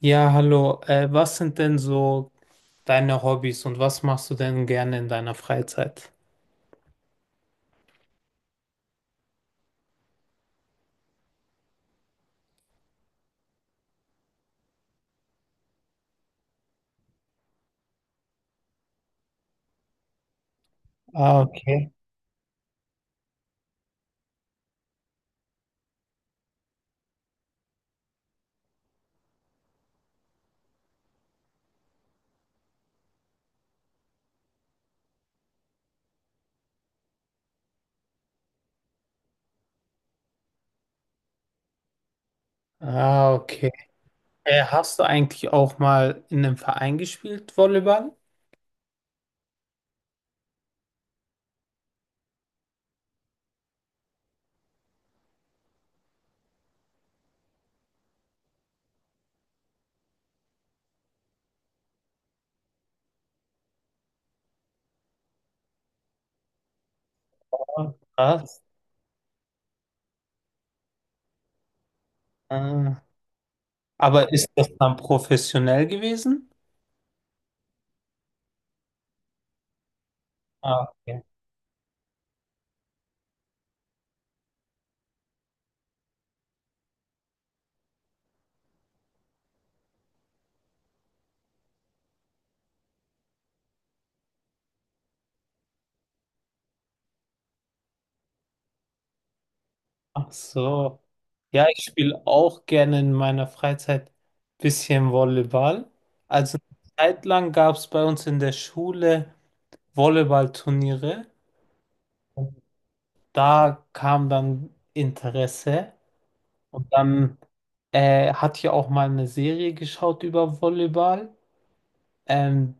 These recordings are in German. Ja, hallo. Was sind denn so deine Hobbys und was machst du denn gerne in deiner Freizeit? Ah, okay. Ah, okay. Hast du eigentlich auch mal in einem Verein gespielt, Volleyball? Ah, was? Äh, aber ist das dann professionell gewesen? Ah, okay. Ach so. Ja, ich spiele auch gerne in meiner Freizeit bisschen Volleyball. Also eine Zeit lang gab es bei uns in der Schule Volleyballturniere. Da kam dann Interesse und dann hatte ich auch mal eine Serie geschaut über Volleyball. Ähm,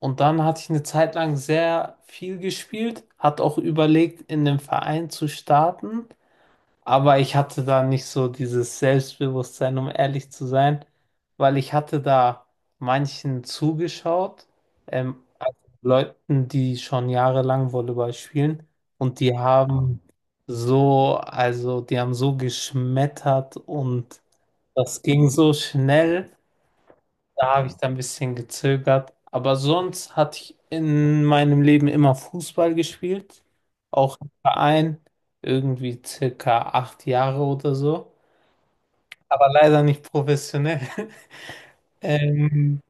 und dann hatte ich eine Zeit lang sehr viel gespielt, hat auch überlegt, in den Verein zu starten. Aber ich hatte da nicht so dieses Selbstbewusstsein, um ehrlich zu sein, weil ich hatte da manchen zugeschaut, also Leuten, die schon jahrelang Volleyball spielen und die haben so, also die haben so geschmettert und das ging so schnell. Da habe ich da ein bisschen gezögert. Aber sonst hatte ich in meinem Leben immer Fußball gespielt. Auch im Verein. Irgendwie circa 8 Jahre oder so. Aber leider nicht professionell. Ähm,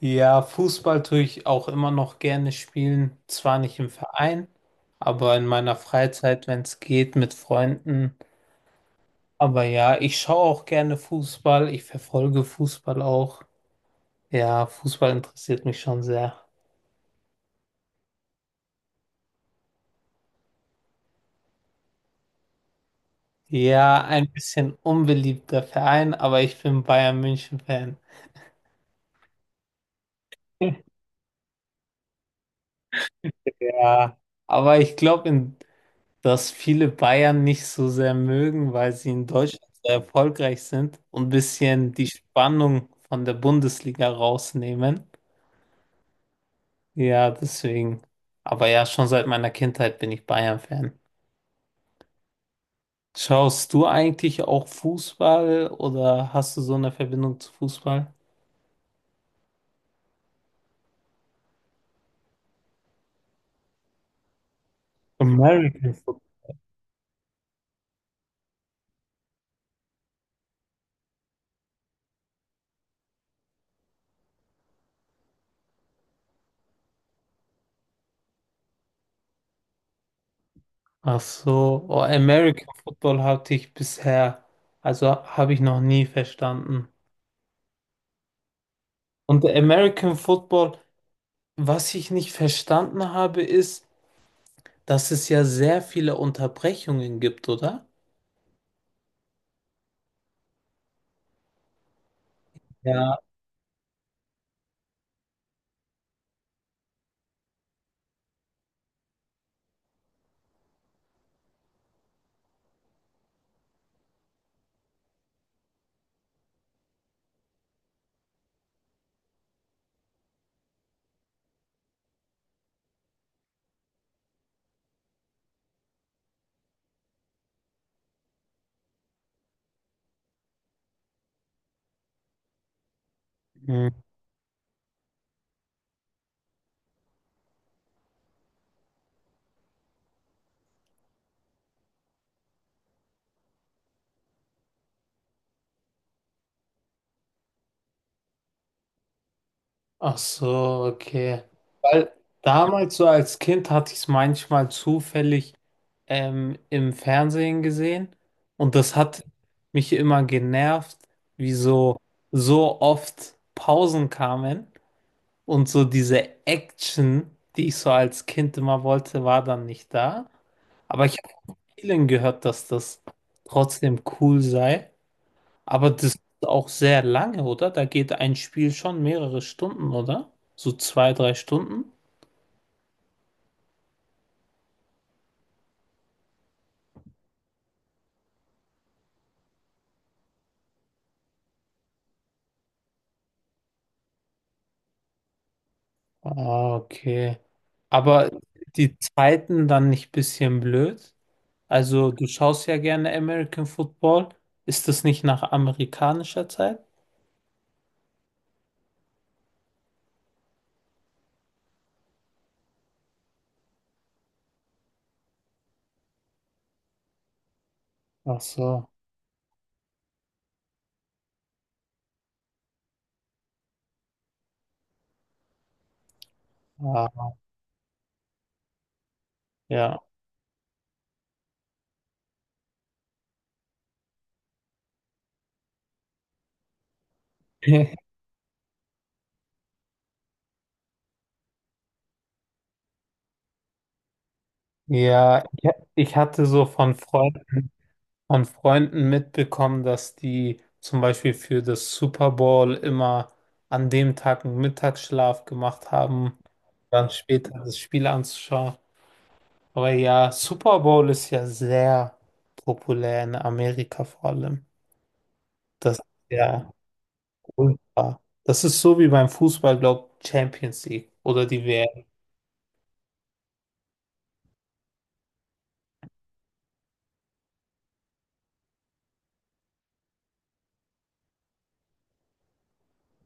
ja, Fußball tue ich auch immer noch gerne spielen. Zwar nicht im Verein, aber in meiner Freizeit, wenn es geht, mit Freunden. Aber ja, ich schaue auch gerne Fußball. Ich verfolge Fußball auch. Ja, Fußball interessiert mich schon sehr. Ja, ein bisschen unbeliebter Verein, aber ich bin Bayern München-Fan. Ja, aber ich glaube, dass viele Bayern nicht so sehr mögen, weil sie in Deutschland so erfolgreich sind und ein bisschen die Spannung von der Bundesliga rausnehmen. Ja, deswegen. Aber ja, schon seit meiner Kindheit bin ich Bayern-Fan. Schaust du eigentlich auch Fußball oder hast du so eine Verbindung zu Fußball? American Football. Ach so, oh, American Football hatte ich bisher, also habe ich noch nie verstanden. Und der American Football, was ich nicht verstanden habe, ist, dass es ja sehr viele Unterbrechungen gibt, oder? Ja. Hm. Ach so, okay. Weil damals so als Kind hatte ich es manchmal zufällig im Fernsehen gesehen und das hat mich immer genervt, wie so, so oft Pausen kamen. Und so diese Action, die ich so als Kind immer wollte, war dann nicht da. Aber ich habe vielen gehört, dass das trotzdem cool sei. Aber das ist auch sehr lange, oder? Da geht ein Spiel schon mehrere Stunden, oder? So zwei, drei Stunden. Ah, okay. Aber die Zeiten dann nicht ein bisschen blöd? Also, du schaust ja gerne American Football. Ist das nicht nach amerikanischer Zeit? Ach so. Ah, ja. Ja, ich hatte so von Freunden mitbekommen, dass die zum Beispiel für das Super Bowl immer an dem Tag einen Mittagsschlaf gemacht haben, dann später das Spiel anzuschauen. Aber ja, Super Bowl ist ja sehr populär in Amerika vor allem. Das ist ja ultra. Das ist so wie beim Fußball, glaube ich, Champions League oder die WM.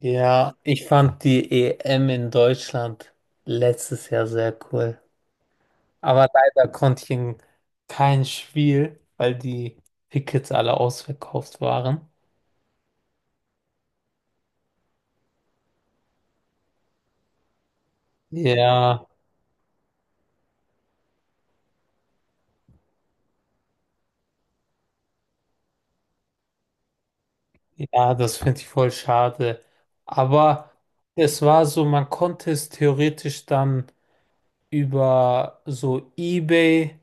Ja, ich fand die EM in Deutschland letztes Jahr sehr cool. Aber leider konnte ich in kein Spiel, weil die Tickets alle ausverkauft waren. Ja, ja, das finde ich voll schade. Aber es war so, man konnte es theoretisch dann über so eBay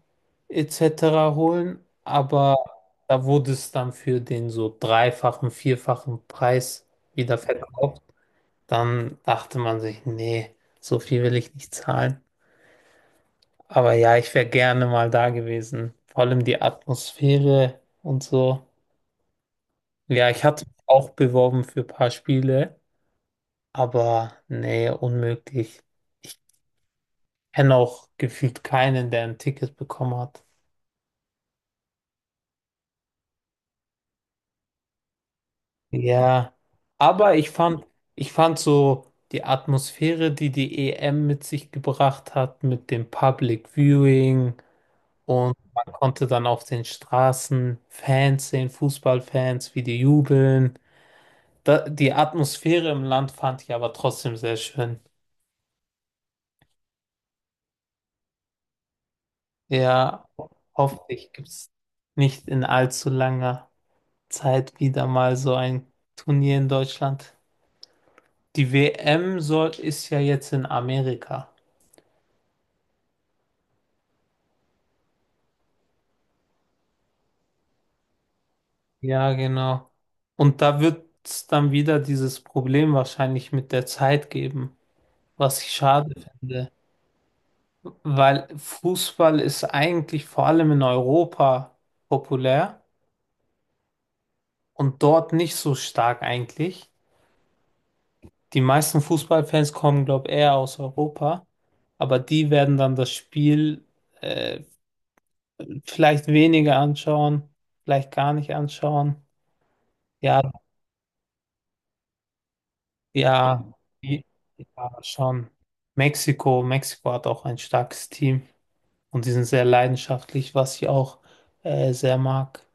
etc. holen, aber da wurde es dann für den so dreifachen, vierfachen Preis wieder verkauft. Dann dachte man sich, nee, so viel will ich nicht zahlen. Aber ja, ich wäre gerne mal da gewesen. Vor allem die Atmosphäre und so. Ja, ich hatte mich auch beworben für ein paar Spiele, aber nee, unmöglich. Ich kenne auch gefühlt keinen, der ein Ticket bekommen hat. Ja, aber ich fand so die Atmosphäre, die die EM mit sich gebracht hat, mit dem Public Viewing und man konnte dann auf den Straßen Fans sehen, Fußballfans, wie die jubeln. Da, die Atmosphäre im Land fand ich aber trotzdem sehr schön. Ja, hoffentlich gibt es nicht in allzu langer Zeit wieder mal so ein Turnier in Deutschland. Die WM soll, ist ja jetzt in Amerika. Ja, genau. Und da wird es dann wieder dieses Problem wahrscheinlich mit der Zeit geben, was ich schade finde, weil Fußball ist eigentlich vor allem in Europa populär und dort nicht so stark eigentlich. Die meisten Fußballfans kommen, glaube ich, eher aus Europa, aber die werden dann das Spiel äh, vielleicht weniger anschauen, vielleicht gar nicht anschauen. Ja, ja, die- ja, schon. Mexiko, Mexiko hat auch ein starkes Team und die sind sehr leidenschaftlich, was ich auch sehr mag.